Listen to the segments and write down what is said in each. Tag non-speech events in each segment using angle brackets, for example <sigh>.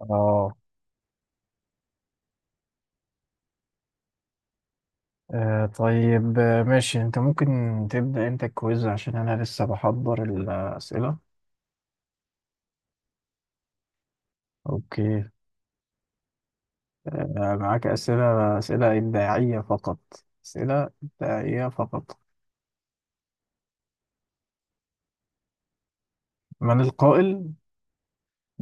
اه. طيب، ماشي. انت ممكن تبدأ انت الكويز عشان انا لسه بحضر الأسئلة. اوكي. معاك أسئلة إبداعية فقط. أسئلة إبداعية فقط. من القائل.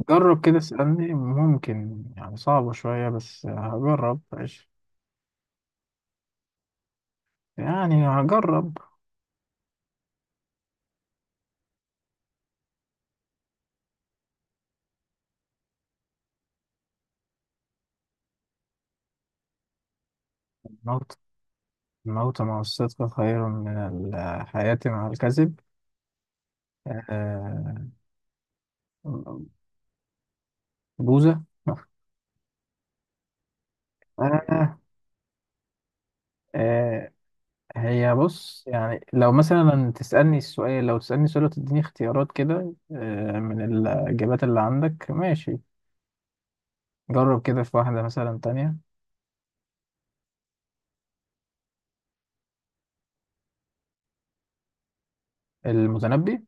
جرب كده اسألني، ممكن يعني صعبة شوية بس هجرب. ماشي. يعني هجرب. الموت الموت مع الصدق خير من الحياة مع الكذب. آه، بوذا. آه. آه. هي بص، يعني لو مثلا تسألني السؤال لو تسألني سؤال وتديني اختيارات كده. من الإجابات اللي عندك. ماشي. جرب كده في واحدة مثلا تانية. المتنبي.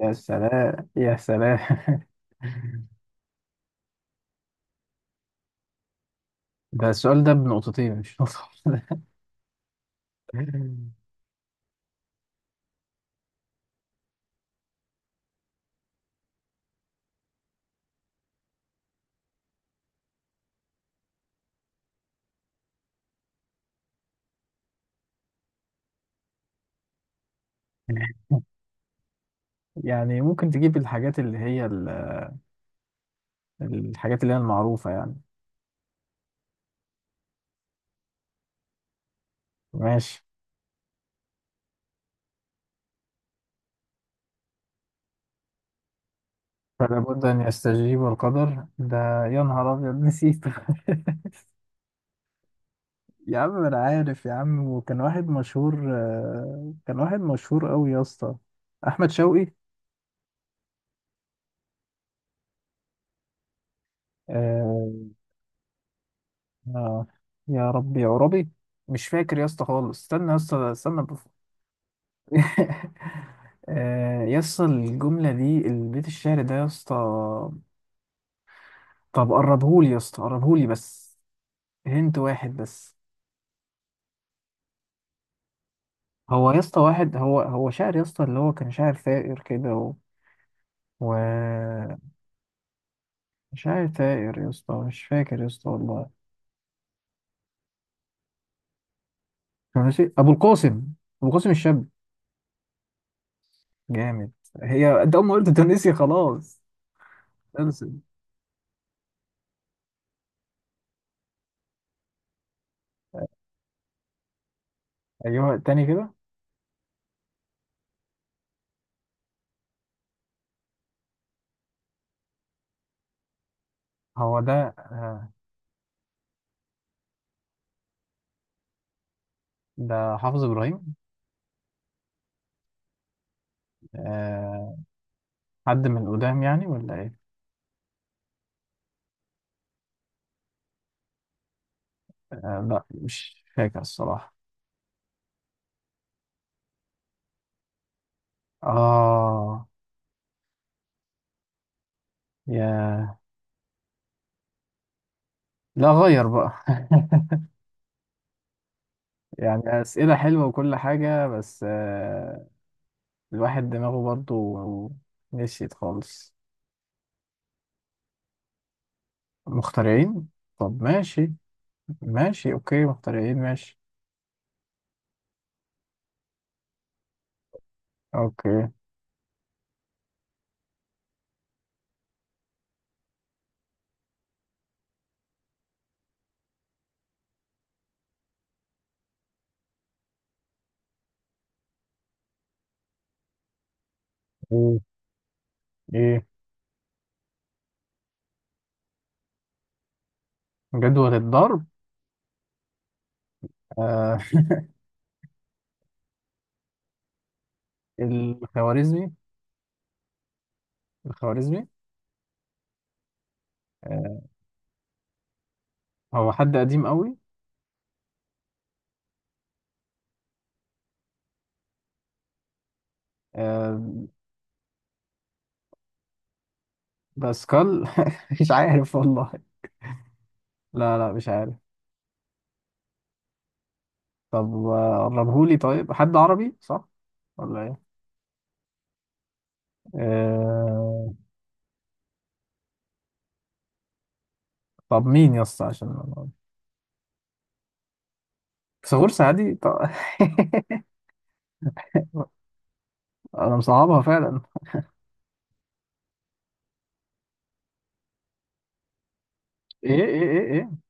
يا سلام يا سلام. <laughs> ده السؤال ده بنقطتين مش نقطة واحدة. <laughs> يعني ممكن تجيب الحاجات اللي هي المعروفة يعني. ماشي. فلا بد أن يستجيب القدر ده. يا نهار أبيض نسيت. <laughs> يا عم انا عارف يا عم، وكان واحد مشهور، كان واحد مشهور قوي يا اسطى. احمد شوقي. آه. آه، يا ربي يا ربي. مش فاكر يا اسطى خالص، استنى يا اسطى، استنى بف... <laughs> آه يا اسطى، الجملة دي البيت الشعر ده يا اسطى. طب قربهولي يا اسطى، قربهولي بس. هنت واحد بس. هو يا اسطى واحد، هو شاعر يا اسطى، اللي هو كان شاعر ثائر كده و... و... شاعر ثائر يا اسطى، مش فاكر يا اسطى والله. ماشي. ابو القاسم الشاب. جامد. هي انت اول ما قلت تونسي خلاص. خلصت. ايوه، تاني كده. هو ده. آه، ده حافظ ابراهيم. آه، حد من قدام يعني ولا ايه؟ لا، مش فاكر الصراحه. اه. يا. لا، غير بقى. <laughs> يعني اسئله حلوه وكل حاجه بس. الواحد دماغه برضو نسيت خالص. مخترعين. طب ماشي. ماشي اوكي، مخترعين ماشي. اوكي. ايه ايه. جدول الضرب. آه. <laughs> الخوارزمي. الخوارزمي. آه، هو حد قديم قوي. آه. باسكال. <laughs> مش عارف والله. لا لا، مش عارف. طب قربهولي، طيب حد عربي صح ولا ايه؟ آه. طب مين يا اسطى، عشان أنا- بيثاغورس عادي طب. <laughs> انا مصعبها فعلا. ايه ايه ايه ايه.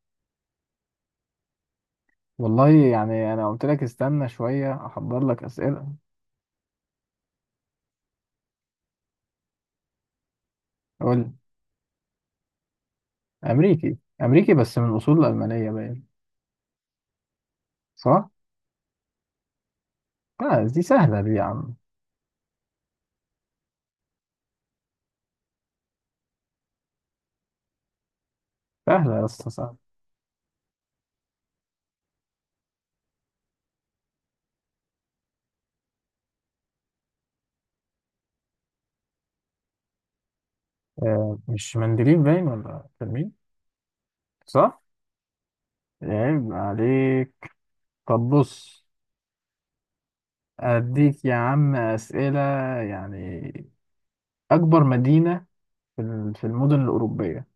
والله يعني انا قلت لك استنى شويه احضر لك اسئله. قول لي. امريكي امريكي بس من اصول المانيه باين. صح؟ لا دي سهلة دي يا عم. سهلة يا اسطى سهلة. آه مش مندليف باين، ولا كان مين؟ صح؟ عيب عليك. طب بص، أديك يا عم أسئلة يعني. أكبر مدينة في المدن الأوروبية.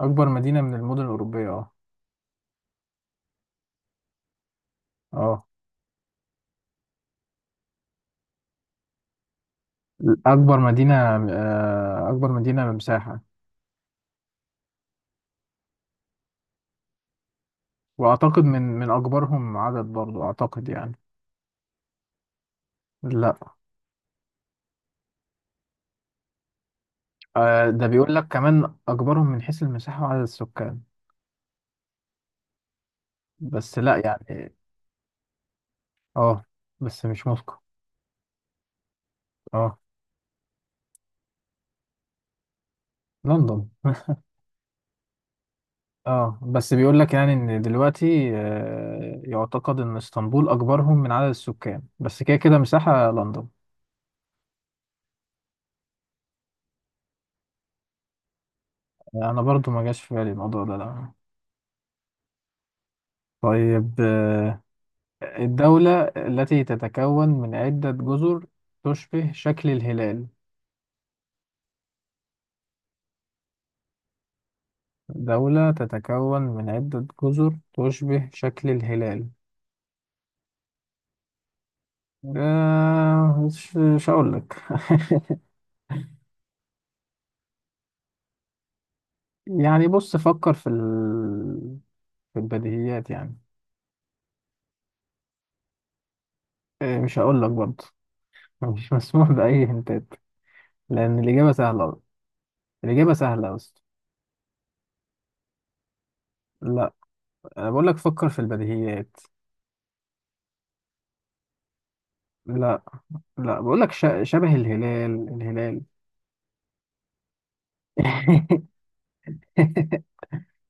أكبر مدينة من المدن الأوروبية أه. أه. أكبر مدينة. آه أكبر مدينة مساحة. وأعتقد من أكبرهم عدد برضو، أعتقد يعني. لا. ده بيقول لك كمان أكبرهم من حيث المساحة وعدد السكان. بس لا يعني. اه بس مش موسكو. اه لندن. <laughs> اه بس بيقول لك يعني ان دلوقتي يعتقد ان اسطنبول اكبرهم من عدد السكان، بس كده كده مساحة لندن. انا برضو ما جاش في بالي الموضوع ده لا. طيب. الدولة التي تتكون من عدة جزر تشبه شكل الهلال. دولة تتكون من عدة جزر تشبه شكل الهلال. آه، مش هقول لك. <laughs> يعني بص فكر في ال... في البديهيات يعني. إيه، مش هقول لك برضه. <laughs> مش مسموح بأي هنتات، لأن الإجابة سهلة أوي. الإجابة سهلة أصلا. لا. أنا بقول لك فكر في البديهيات. لا لا، بقول لك ش... شبه الهلال الهلال.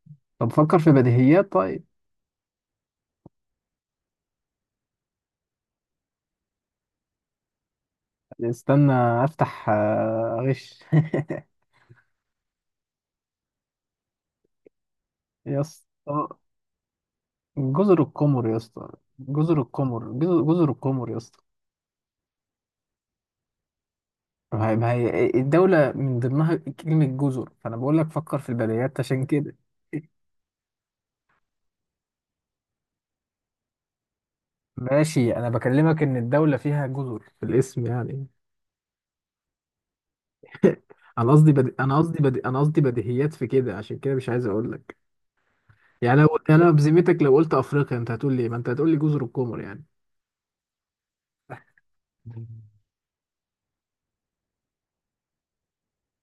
<laughs> طب فكر في بديهيات طيب. استنى أفتح غش. <laughs> يا اسطى جزر القمر يا اسطى. جزر القمر، جزر القمر يا اسطى. ما هي الدولة من ضمنها كلمة جزر، فأنا بقول لك فكر في البديهيات عشان كده. ماشي، أنا بكلمك إن الدولة فيها جزر في الاسم يعني. <laughs> أنا قصدي بديهيات في كده عشان كده مش عايز أقول لك. يعني لو يعني أنا بذمتك لو قلت أفريقيا أنت هتقول لي إيه؟ ما أنت هتقول لي جزر القمر يعني.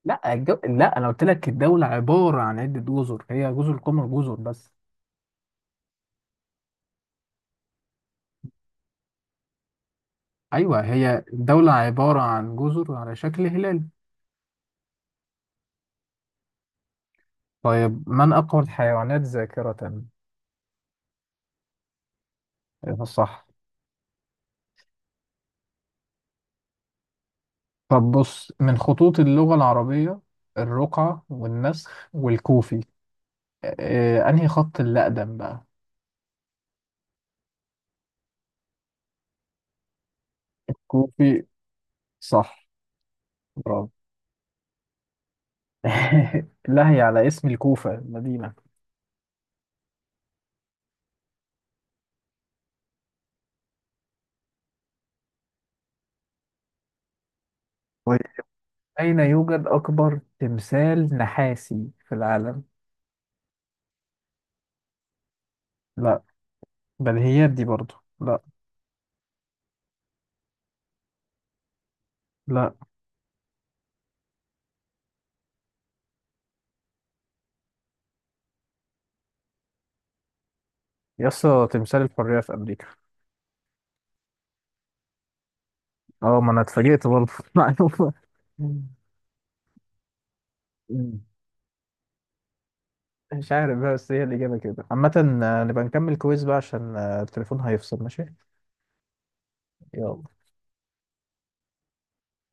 لا لا أنا قلت لك الدولة عبارة عن عدة جزر هي جزر القمر، جزر بس. أيوه هي الدولة عبارة عن جزر على شكل هلال. طيب، من أقوى الحيوانات ذاكرة؟ أيوة صح. طب بص، من خطوط اللغة العربية الرقعة والنسخ والكوفي، أنهي خط اللي أقدم بقى؟ كوفي. صح. برافو. <laughs> لهي على اسم الكوفة المدينة. كويس. أين يوجد أكبر تمثال نحاسي في العالم؟ لا، بديهيات دي برضو. لا لا. يسطا تمثال الحرية في أمريكا. اه ما أنا اتفاجئت برضه. <laughs> معلومة. مم. مش عارف بقى، بس هي الإجابة كده عامة. نبقى نكمل كويز بقى عشان التليفون هيفصل ماشي. يلا.